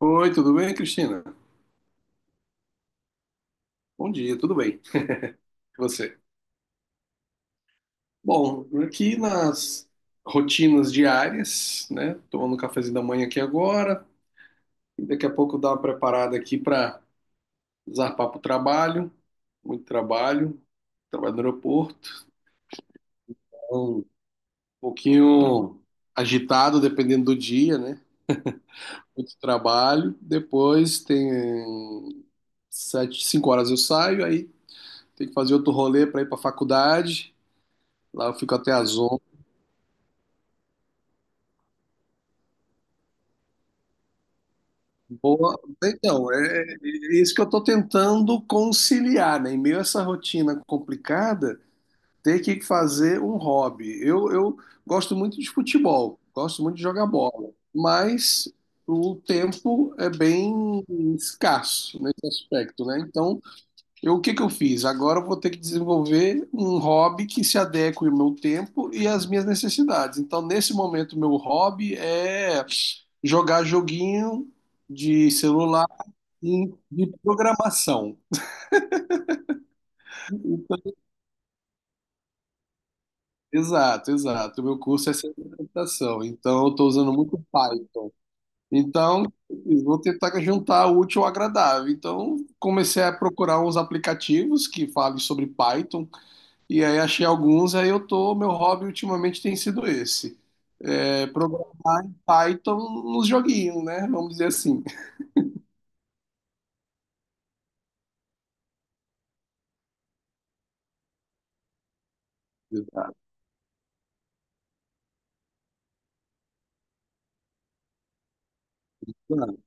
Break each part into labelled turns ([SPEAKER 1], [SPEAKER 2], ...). [SPEAKER 1] Oi, tudo bem, Cristina? Bom dia, tudo bem. E você? Bom, aqui nas rotinas diárias, né? Tomando um cafezinho da manhã aqui agora. E daqui a pouco dar uma preparada aqui para zarpar para o trabalho. Muito trabalho. Trabalho no aeroporto. Então, um pouquinho agitado, dependendo do dia, né? Muito trabalho. Depois tem sete, cinco horas eu saio, aí tem que fazer outro rolê para ir para a faculdade. Lá eu fico até as Boa. Então, é isso que eu estou tentando conciliar, né? Em meio a essa rotina complicada, ter que fazer um hobby. Eu gosto muito de futebol, gosto muito de jogar bola, mas o tempo é bem escasso nesse aspecto, né? Então, eu, o que que eu fiz? Agora eu vou ter que desenvolver um hobby que se adeque ao meu tempo e às minhas necessidades. Então, nesse momento, meu hobby é jogar joguinho de celular e de programação. Então, exato, exato. O meu curso é ciência da computação, então eu estou usando muito Python. Então, eu vou tentar juntar o útil ao agradável. Então, comecei a procurar uns aplicativos que falem sobre Python, e aí achei alguns, aí eu tô, meu hobby ultimamente tem sido esse. É, programar em Python nos joguinhos, né? Vamos dizer assim. Exato, exato.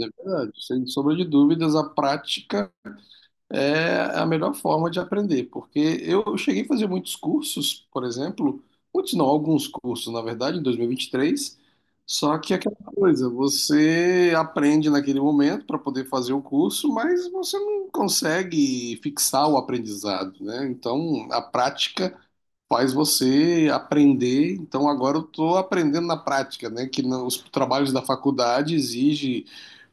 [SPEAKER 1] É verdade. Sem sombra de dúvidas, a prática é a melhor forma de aprender, porque eu cheguei a fazer muitos cursos, por exemplo, muitos não, alguns cursos, na verdade, em 2023, só que aquela coisa, você aprende naquele momento para poder fazer o curso, mas você não consegue fixar o aprendizado, né? Então, a prática faz você aprender. Então agora eu estou aprendendo na prática, né? Que os trabalhos da faculdade exige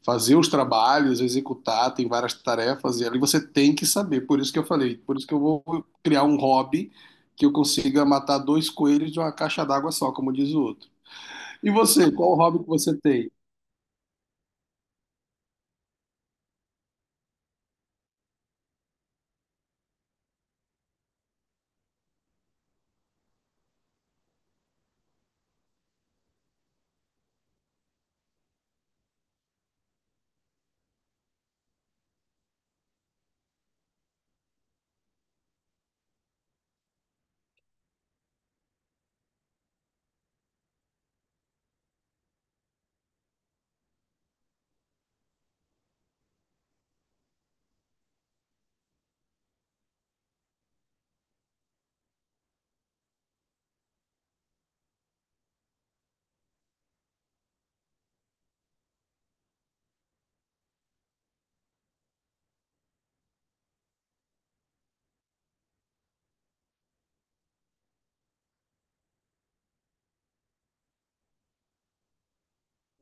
[SPEAKER 1] fazer os trabalhos, executar, tem várias tarefas e ali você tem que saber. Por isso que eu falei, por isso que eu vou criar um hobby que eu consiga matar dois coelhos de uma caixa d'água só, como diz o outro. E você, qual hobby que você tem?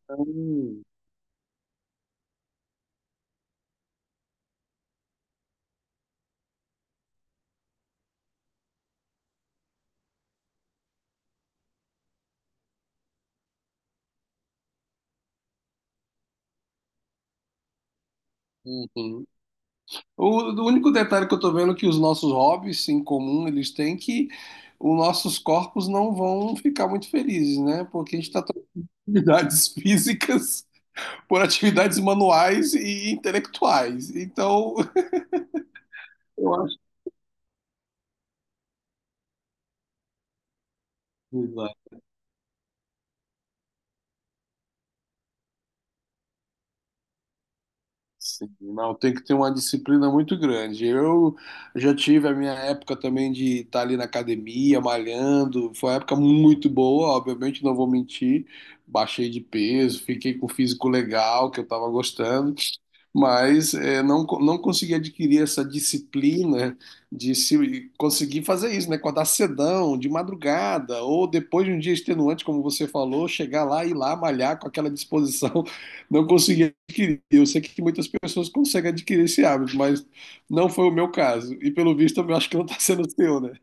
[SPEAKER 1] Hum, uhum. O, o único detalhe que eu tô vendo é que os nossos hobbies em comum, eles têm que os nossos corpos não vão ficar muito felizes, né? Porque a gente está trocando atividades físicas por atividades manuais e intelectuais. Então, eu acho. Sim, não, tem que ter uma disciplina muito grande. Eu já tive a minha época também de estar ali na academia, malhando. Foi uma época muito boa, obviamente, não vou mentir. Baixei de peso, fiquei com o físico legal, que eu estava gostando, mas não consegui adquirir essa disciplina de se, conseguir fazer isso, né? Acordar cedão, de madrugada, ou depois de um dia extenuante, como você falou, chegar lá e ir lá malhar com aquela disposição não consegui adquirir. Eu sei que muitas pessoas conseguem adquirir esse hábito, mas não foi o meu caso. E pelo visto, eu acho que não está sendo o seu, né?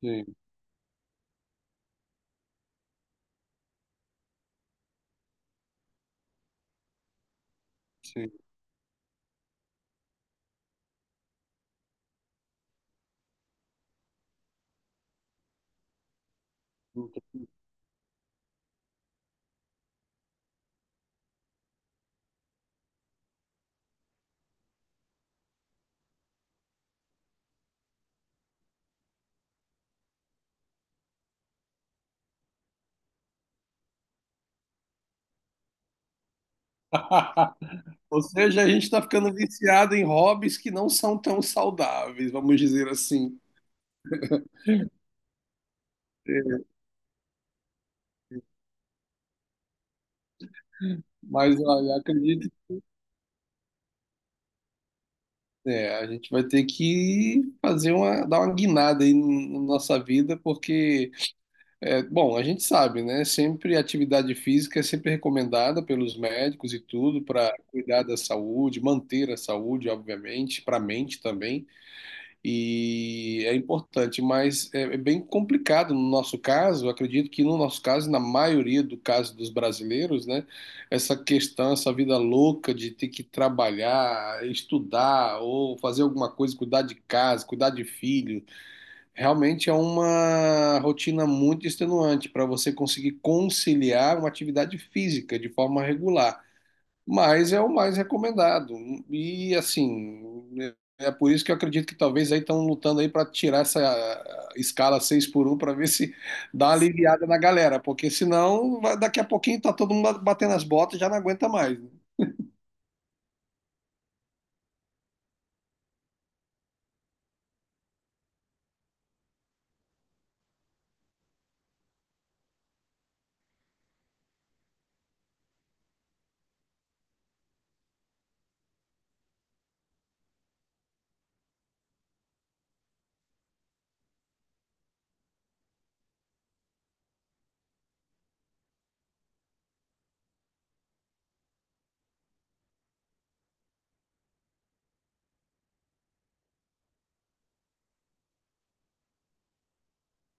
[SPEAKER 1] Sim, sim. Ou seja, a gente está ficando viciado em hobbies que não são tão saudáveis, vamos dizer assim. Mas olha, acredito que é, a gente vai ter que fazer uma, dar uma guinada aí na nossa vida, porque é, bom, a gente sabe, né? Sempre atividade física é sempre recomendada pelos médicos e tudo para cuidar da saúde, manter a saúde, obviamente, para a mente também. E é importante, mas é, é bem complicado no nosso caso. Eu Acredito que no nosso caso, na maioria do caso dos brasileiros, né? Essa questão, essa vida louca de ter que trabalhar, estudar ou fazer alguma coisa, cuidar de casa, cuidar de filho. Realmente é uma rotina muito extenuante para você conseguir conciliar uma atividade física de forma regular, mas é o mais recomendado. E assim, é por isso que eu acredito que talvez aí estão lutando aí para tirar essa escala 6 por um para ver se dá uma aliviada na galera, porque senão daqui a pouquinho tá todo mundo batendo as botas e já não aguenta mais.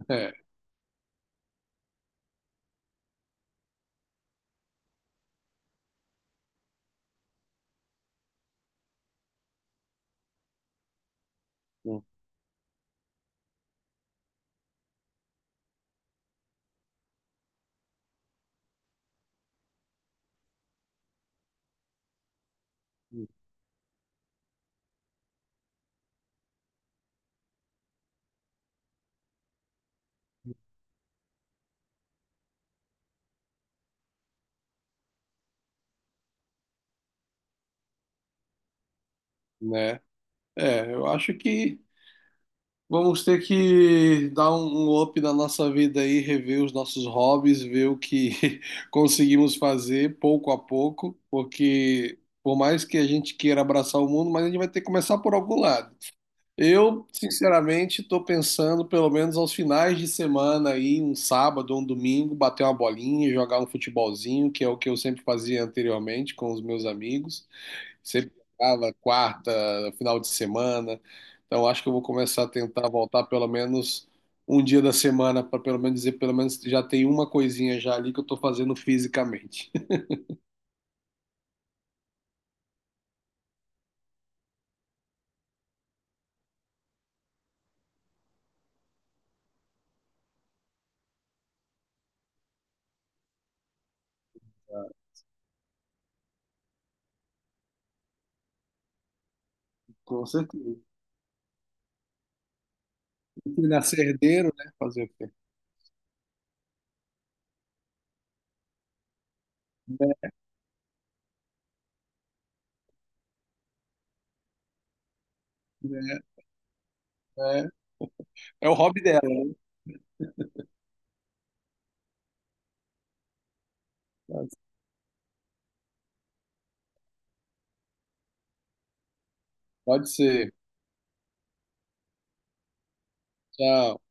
[SPEAKER 1] Né? É, né? É, eu acho que vamos ter que dar um up na nossa vida aí, rever os nossos hobbies, ver o que conseguimos fazer pouco a pouco, porque por mais que a gente queira abraçar o mundo, mas a gente vai ter que começar por algum lado. Eu, sinceramente, estou pensando, pelo menos aos finais de semana aí, um sábado ou um domingo, bater uma bolinha, jogar um futebolzinho, que é o que eu sempre fazia anteriormente com os meus amigos. Sempre jogava quarta, final de semana. Então acho que eu vou começar a tentar voltar pelo menos um dia da semana para pelo menos dizer, pelo menos já tem uma coisinha já ali que eu estou fazendo fisicamente. Com certeza. Fui nascer herdeiro, né? Fazer o quê? É, é. É o hobby dela. Né? Pode ser. Tchau.